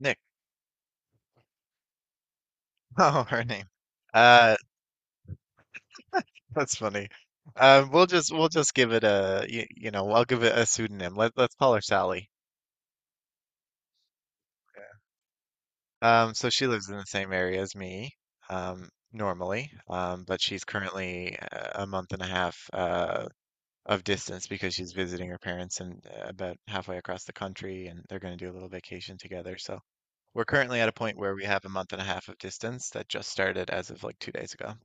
Nick. Oh, her name. Uh, that's funny. We'll just give it a I'll give it a pseudonym. Let's call her Sally. So she lives in the same area as me, normally, but she's currently a month and a half of distance because she's visiting her parents and about halfway across the country, and they're going to do a little vacation together. So we're currently at a point where we have a month and a half of distance that just started as of like 2 days ago.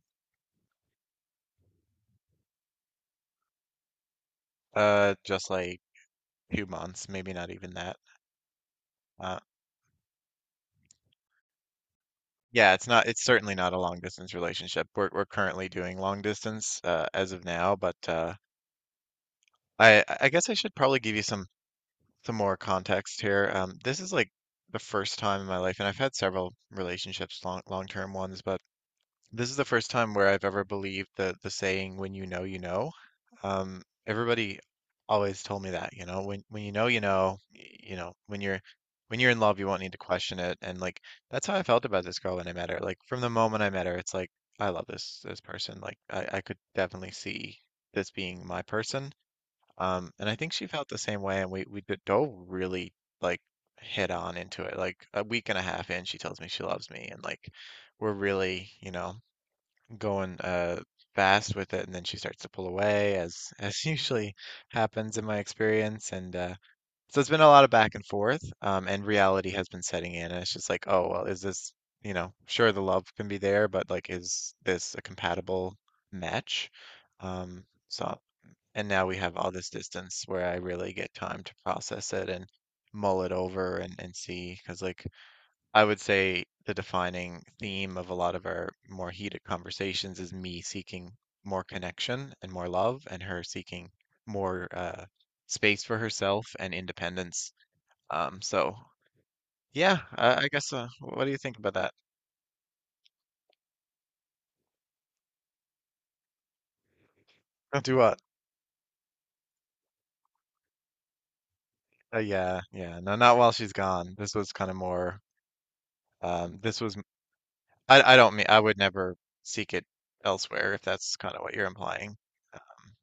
Just like 2 months, maybe not even that. Uh, yeah, it's not, it's certainly not a long distance relationship. We're currently doing long distance as of now, but I guess I should probably give you some more context here. This is like the first time in my life, and I've had several relationships, long-term ones, but this is the first time where I've ever believed the saying "when you know, you know." Everybody always told me that, you know, when you know, when you're in love, you won't need to question it. And like that's how I felt about this girl when I met her. Like from the moment I met her, it's like I love this person. I could definitely see this being my person. And I think she felt the same way, and dove really like head on into it. Like a week and a half in, she tells me she loves me, and like we're really, going fast with it, and then she starts to pull away as usually happens in my experience. And uh so it's been a lot of back and forth, and reality has been setting in, and it's just like, oh well, is this, sure, the love can be there, but like, is this a compatible match? um so and now we have all this distance where I really get time to process it and mull it over and see. Because like, I would say the defining theme of a lot of our more heated conversations is me seeking more connection and more love, and her seeking more space for herself and independence. So yeah, I guess. What do you think about that? Do what? Yeah, yeah. No, not while she's gone. This was kind of more. This was. I don't mean. I would never seek it elsewhere, if that's kind of what you're implying. um,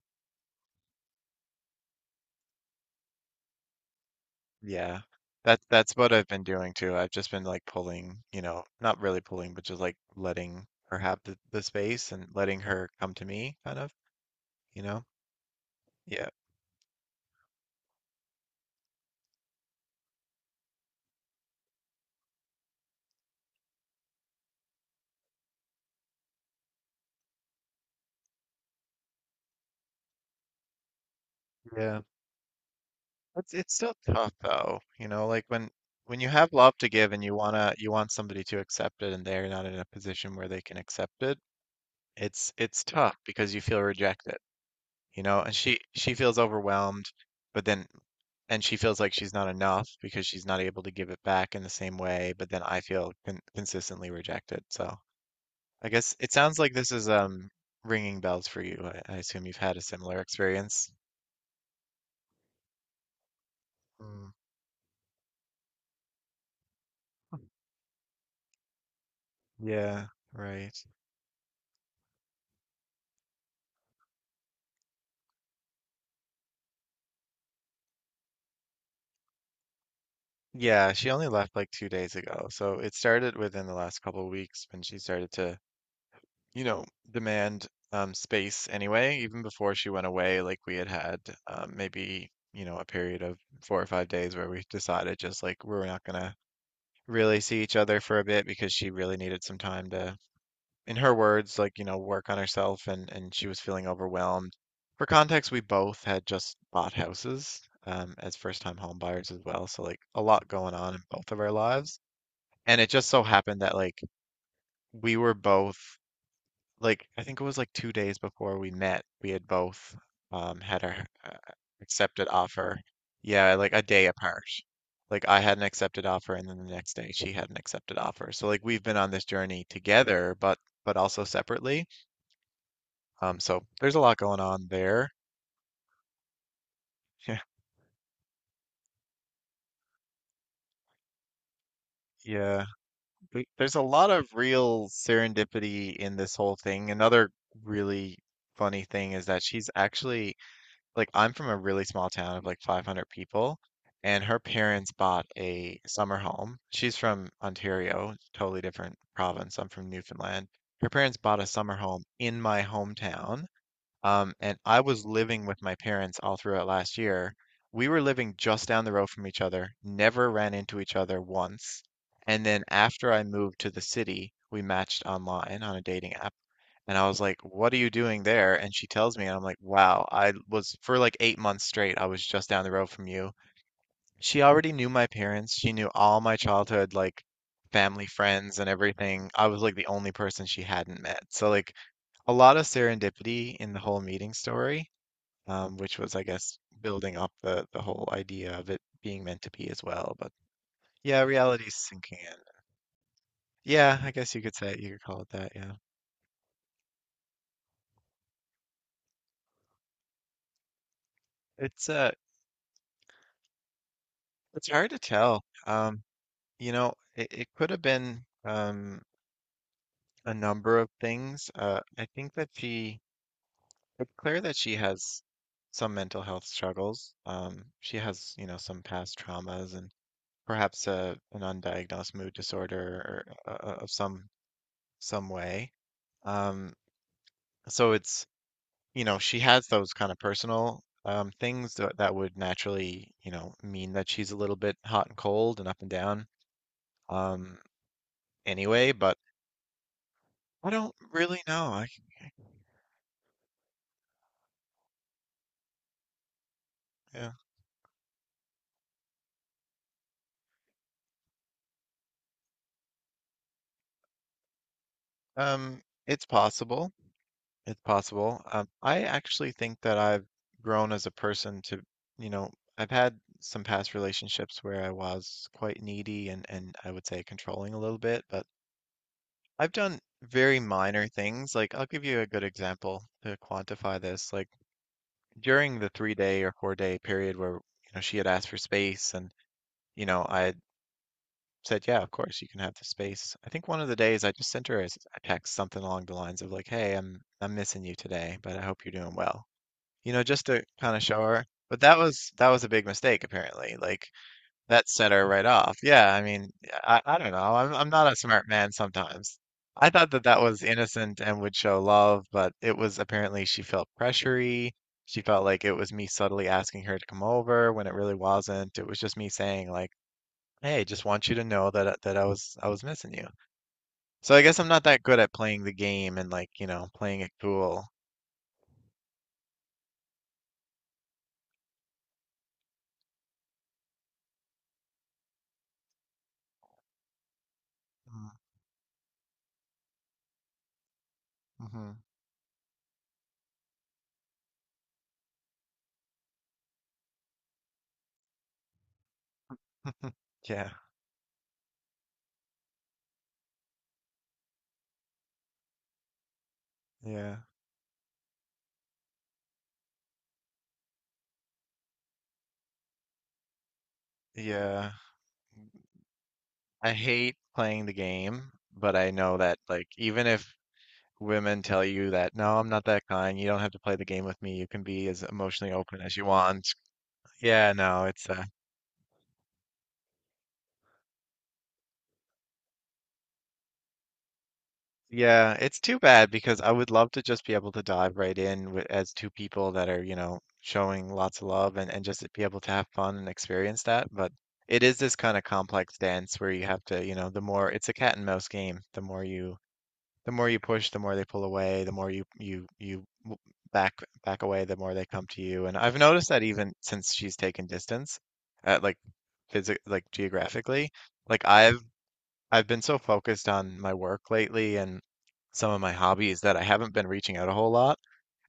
Yeah. That that's what I've been doing too. I've just been like pulling, you know, not really pulling, but just like letting her have the space and letting her come to me kind of, you know? Yeah. Yeah. It's still tough though, you know, like when you have love to give and you wanna you want somebody to accept it, and they're not in a position where they can accept it. It's tough because you feel rejected. You know, and she feels overwhelmed, but then and she feels like she's not enough because she's not able to give it back in the same way, but then I feel consistently rejected. So I guess it sounds like this is ringing bells for you. I assume you've had a similar experience. Mm, yeah, right. Yeah, she only left like 2 days ago. So it started within the last couple of weeks when she started to, you know, demand space anyway. Even before she went away, like we had had maybe, you know, a period of 4 or 5 days where we decided just like we were not gonna really see each other for a bit, because she really needed some time to, in her words, like, you know, work on herself, and she was feeling overwhelmed. For context, we both had just bought houses, as first-time home buyers as well, so like a lot going on in both of our lives. And it just so happened that like we were both, like I think it was like 2 days before we met, we had both had our accepted offer. Yeah, like a day apart. Like I had an accepted offer, and then the next day she had an accepted offer. So like we've been on this journey together, but also separately. So there's a lot going on there. Yeah, yeah. There's a lot of real serendipity in this whole thing. Another really funny thing is that she's actually, like, I'm from a really small town of like 500 people, and her parents bought a summer home. She's from Ontario, totally different province. I'm from Newfoundland. Her parents bought a summer home in my hometown, and I was living with my parents all throughout last year. We were living just down the road from each other, never ran into each other once. And then after I moved to the city, we matched online on a dating app. And I was like, "What are you doing there?" And she tells me, and I'm like, "Wow, I was for like 8 months straight, I was just down the road from you." She already knew my parents. She knew all my childhood, like family, friends, and everything. I was like the only person she hadn't met. So like a lot of serendipity in the whole meeting story, which was, I guess, building up the whole idea of it being meant to be as well. But yeah, reality's sinking in. Yeah, I guess you could say, you could call it that. Yeah, it's uh, it's hard to tell. You know, it could have been a number of things. I think that she, it's clear that she has some mental health struggles. She has, you know, some past traumas, and perhaps a, an undiagnosed mood disorder, or, of some way. Um, so it's, you know, she has those kind of personal things that, that would naturally, you know, mean that she's a little bit hot and cold and up and down, um, anyway. But I don't really know. Yeah. Um, it's possible. It's possible. I actually think that I've grown as a person to, you know, I've had some past relationships where I was quite needy, and I would say controlling a little bit, but I've done very minor things. Like I'll give you a good example to quantify this. Like during the 3 day or 4 day period where, you know, she had asked for space, and, you know, I said, "Yeah, of course you can have the space." I think one of the days I just sent her a a text, something along the lines of like, "Hey, I'm missing you today, but I hope you're doing well." You know, just to kind of show her. But that was a big mistake apparently. Like that set her right off. Yeah, I mean, yeah, I don't know. I'm not a smart man sometimes. I thought that that was innocent and would show love, but it was apparently she felt pressury. She felt like it was me subtly asking her to come over when it really wasn't. It was just me saying like, hey, just want you to know that I was missing you. So I guess I'm not that good at playing the game, and like, you know, playing it cool. Mm, mm-hmm. Yeah, yeah, yeah. I hate playing the game, but I know that like, even if women tell you that, no, I'm not that kind, you don't have to play the game with me, you can be as emotionally open as you want. Yeah, no, it's Yeah, it's too bad because I would love to just be able to dive right in, with, as two people that are, you know, showing lots of love, and just be able to have fun and experience that. But it is this kind of complex dance where you have to, you know, the more, it's a cat and mouse game. The more you push, the more they pull away, the more you back back away, the more they come to you. And I've noticed that even since she's taken distance, like physic like geographically, like I've been so focused on my work lately and some of my hobbies that I haven't been reaching out a whole lot.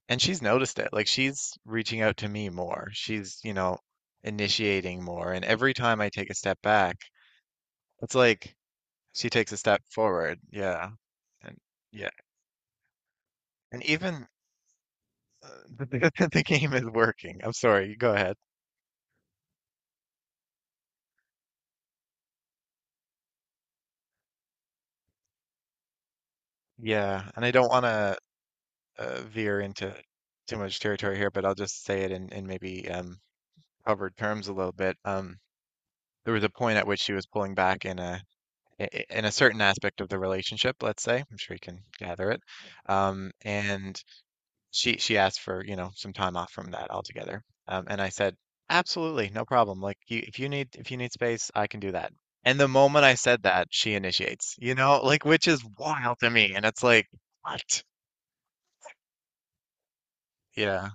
And she's noticed it. Like she's reaching out to me more. She's, you know, initiating more. And every time I take a step back, it's like she takes a step forward. Yeah. And yeah. And even uh, the game is working. I'm sorry. Go ahead. Yeah. And I don't want to veer into too much territory here, but I'll just say it in maybe covered terms a little bit. There was a point at which she was pulling back in a in a certain aspect of the relationship, let's say. I'm sure you can gather it. And she asked for, you know, some time off from that altogether. And I said, absolutely, no problem. Like you, if you need space, I can do that. And the moment I said that, she initiates, you know, like, which is wild to me. And it's like, what? Yeah,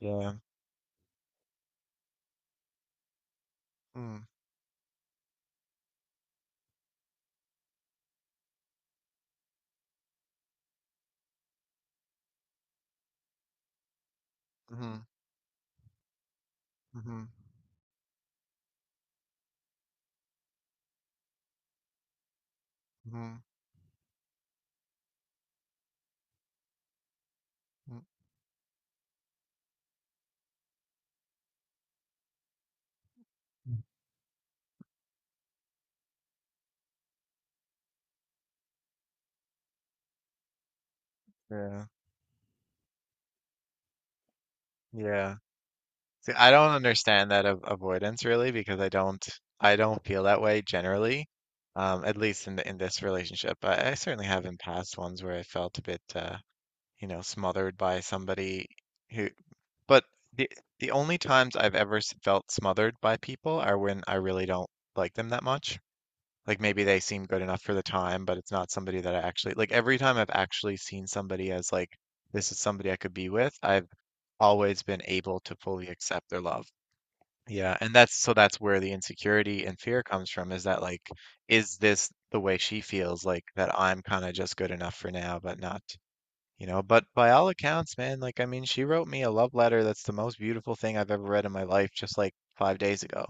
yeah. Mm, mm-hmm, mm-hmm, mm-hmm, mm, yeah, yeah. See, I don't understand that av avoidance really, because I don't feel that way generally. At least in the, in this relationship. I certainly have in past ones where I felt a bit you know, smothered by somebody who, but the the only times I've ever felt smothered by people are when I really don't like them that much. Like maybe they seem good enough for the time, but it's not somebody that I actually like. Every time I've actually seen somebody as like, this is somebody I could be with, I've always been able to fully accept their love. Yeah, and that's, so that's where the insecurity and fear comes from, is that like, is this the way she feels, like, that I'm kind of just good enough for now, but not, you know. But by all accounts, man, like, I mean, she wrote me a love letter that's the most beautiful thing I've ever read in my life just like 5 days ago.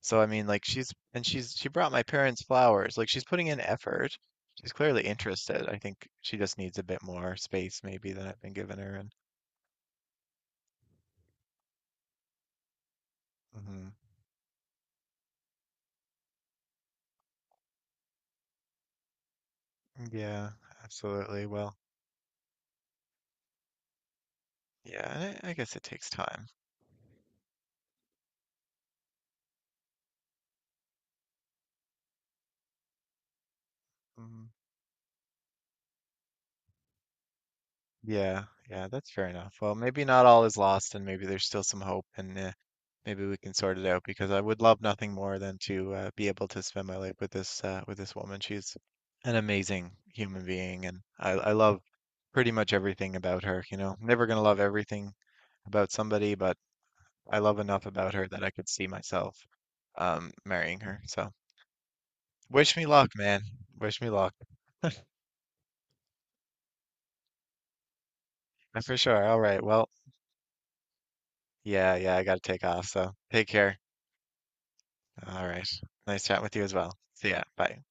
So I mean, like, she's and she's she brought my parents flowers. Like she's putting in effort. She's clearly interested. I think she just needs a bit more space maybe than I've been giving her. And Mhm. Yeah, absolutely. Well, yeah, I guess it takes time. Mm, yeah, yeah, that's fair enough. Well, maybe not all is lost, and maybe there's still some hope, and maybe we can sort it out, because I would love nothing more than to be able to spend my life with this woman. She's an amazing human being, and I love pretty much everything about her. You know, never gonna love everything about somebody, but I love enough about her that I could see myself marrying her. So wish me luck, man. Wish me luck. For sure. All right. Well, yeah, yeah, I gotta take off. So take care. All right. Nice chatting with you as well. See ya. Bye.